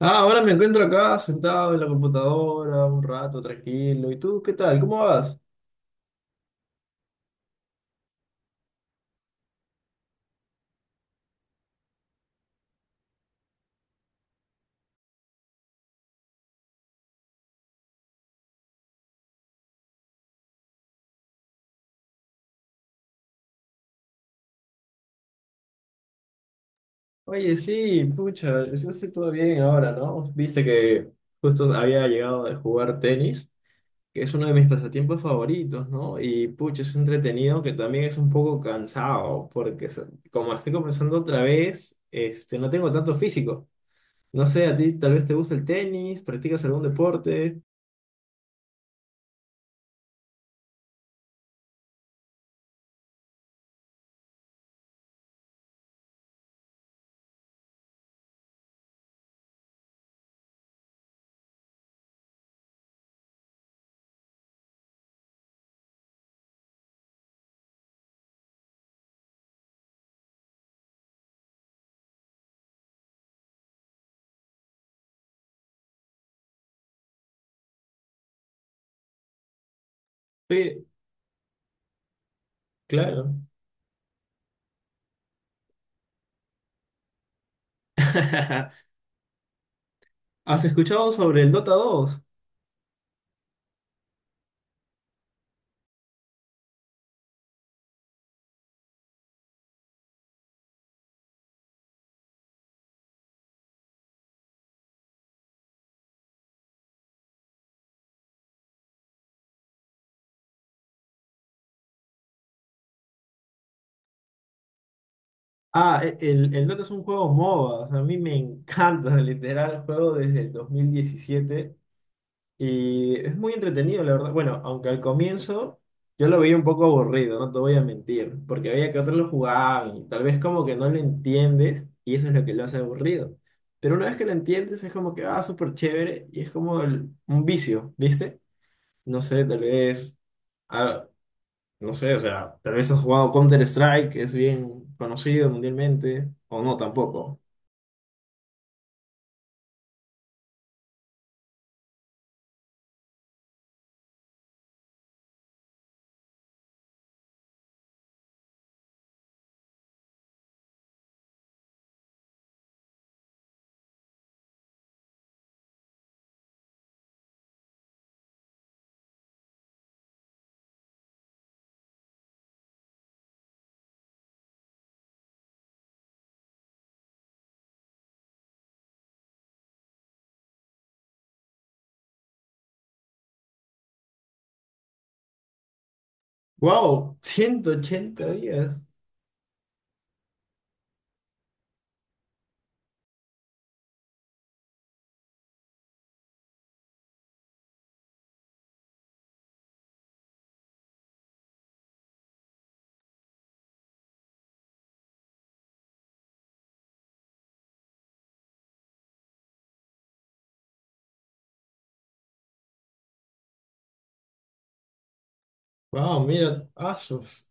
Ah, ahora me encuentro acá sentado en la computadora un rato tranquilo. ¿Y tú qué tal? ¿Cómo vas? Oye, sí, pucha, es todo bien ahora, ¿no? Viste que justo había llegado de jugar tenis, que es uno de mis pasatiempos favoritos, ¿no? Y pucha, es entretenido, que también es un poco cansado, como estoy comenzando otra vez, este, no tengo tanto físico. No sé, a ti tal vez te gusta el tenis, practicas algún deporte. Sí, claro. ¿Has escuchado sobre el Dota 2? Ah, el Dota es un juego MOBA, o sea, a mí me encanta, literal, juego desde el 2017 y es muy entretenido, la verdad. Bueno, aunque al comienzo yo lo veía un poco aburrido, no te voy a mentir, porque veía que otros lo jugaban y tal vez como que no lo entiendes y eso es lo que lo hace aburrido. Pero una vez que lo entiendes es como que, ah, súper chévere y es como un vicio, ¿viste? No sé, tal vez... ah, no sé, o sea, tal vez has jugado Counter-Strike, que es bien conocido mundialmente, o no tampoco. ¡Wow! 180 días. ¡Wow! Mira, Asus.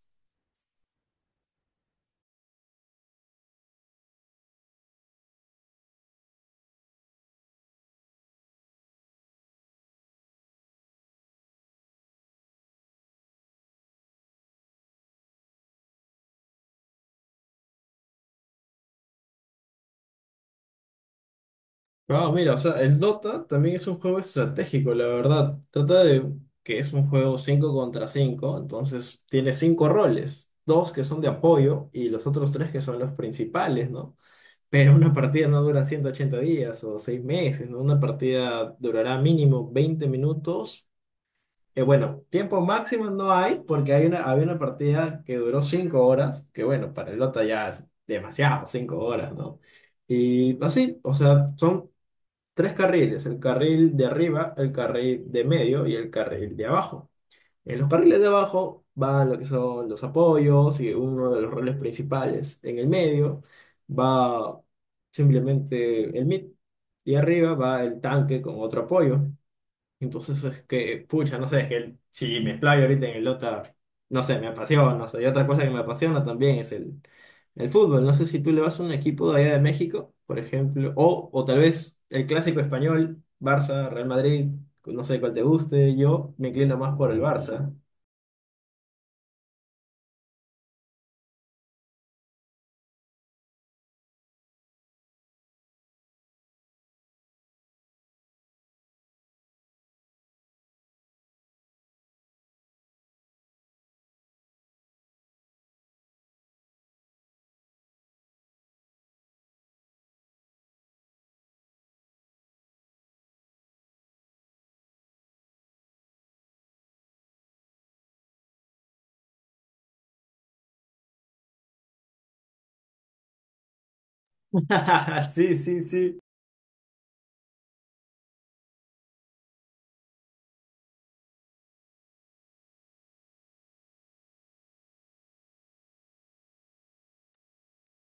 ¡Wow! Mira, o sea, el Dota también es un juego estratégico, la verdad. Trata de que es un juego 5 contra 5, entonces tiene 5 roles. Dos que son de apoyo y los otros tres que son los principales, ¿no? Pero una partida no dura 180 días o 6 meses, ¿no? Una partida durará mínimo 20 minutos. Bueno, tiempo máximo no hay, porque hay una, había una partida que duró 5 horas, que bueno, para el otro ya es demasiado, 5 horas, ¿no? Y así, o sea, son tres carriles, el carril de arriba, el carril de medio y el carril de abajo. En los carriles de abajo van lo que son los apoyos y uno de los roles principales. En el medio va simplemente el mid y arriba va el tanque con otro apoyo. Entonces es que, pucha, no sé, es que si me explayo ahorita en el Dota, no sé, me apasiona, no sé, y otra cosa que me apasiona también es el fútbol. No sé si tú le vas a un equipo de allá de México, por ejemplo, o tal vez el clásico español, Barça, Real Madrid, no sé cuál te guste, yo me inclino más por el Barça. Sí, sí, sí.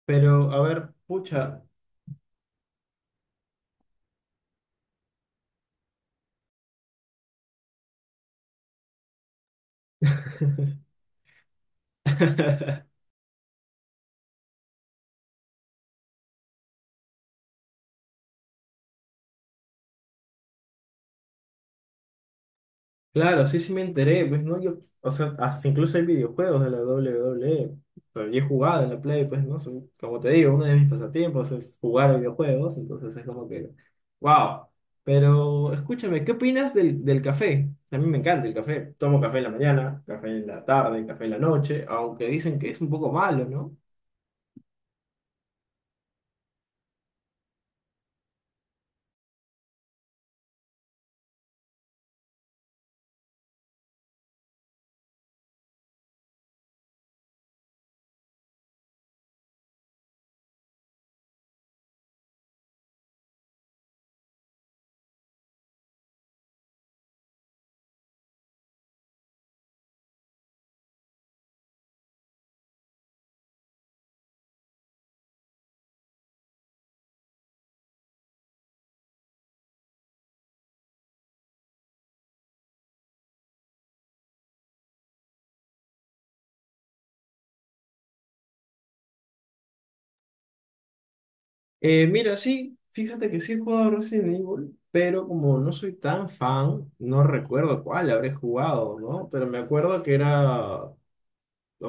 Pero, a ver, pucha. Claro, sí, sí me enteré, pues no, yo, o sea, hasta incluso hay videojuegos de la WWE, pero yo he jugado en la Play, pues no, Son- como te digo, uno de mis pasatiempos es jugar videojuegos, entonces es como que, wow, pero escúchame, ¿qué opinas del café? A mí me encanta el café, tomo café en la mañana, café en la tarde, café en la noche, aunque dicen que es un poco malo, ¿no? Mira, sí, fíjate que sí he jugado Resident Evil, pero como no soy tan fan, no recuerdo cuál habré jugado, ¿no? Pero me acuerdo que era, o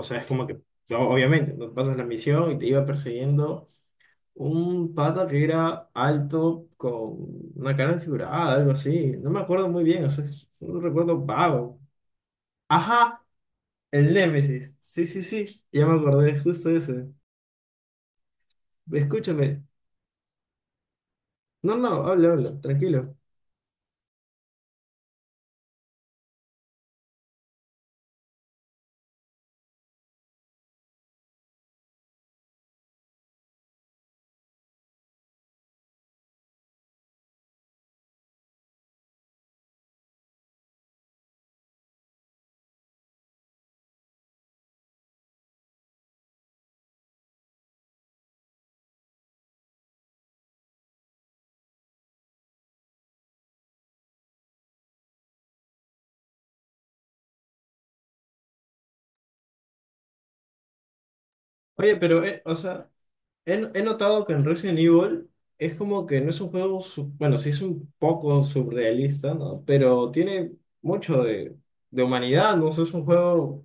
sea, es como que, obviamente, ¿no?, pasas la misión y te iba persiguiendo un pata que era alto con una cara desfigurada, algo así. No me acuerdo muy bien, o sea, es un recuerdo vago. Ajá, el Némesis. Sí, sí, sí, ya me acordé, es justo ese. Escúchame. No, no, habla, habla, tranquilo. Oye, pero, o sea... he notado que en Resident Evil es como que no es un juego, su- bueno, sí es un poco surrealista, ¿no? Pero tiene mucho de humanidad, ¿no? O sea, es un juego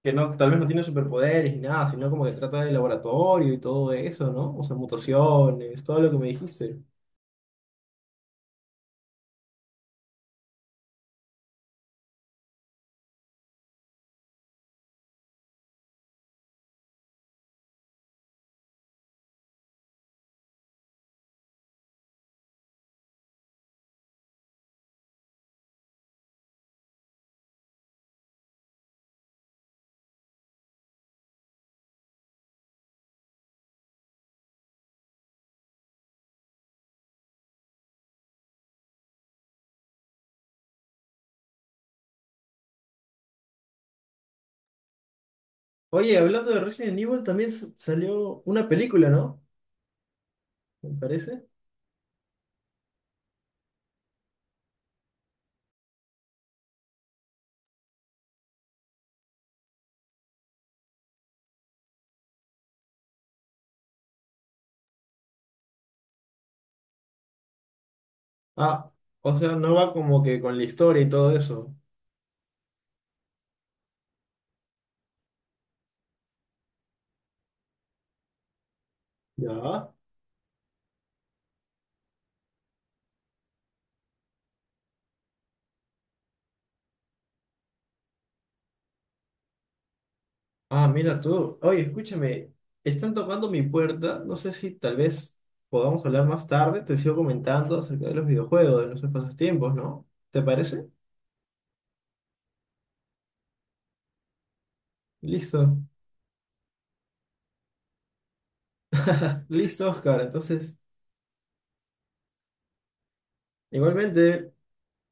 que no, tal vez no tiene superpoderes ni nada, sino como que trata de laboratorio y todo eso, ¿no? O sea, mutaciones, todo lo que me dijiste. Oye, hablando de Resident Evil, también salió una película, ¿no? Me parece. Ah, o sea, no va como que con la historia y todo eso. Ya. Ah, mira tú. Oye, escúchame, están tocando mi puerta. No sé si tal vez podamos hablar más tarde. Te sigo comentando acerca de los videojuegos, de nuestros pasatiempos, ¿no? ¿Te parece? Listo. Listo, Oscar. Entonces, igualmente.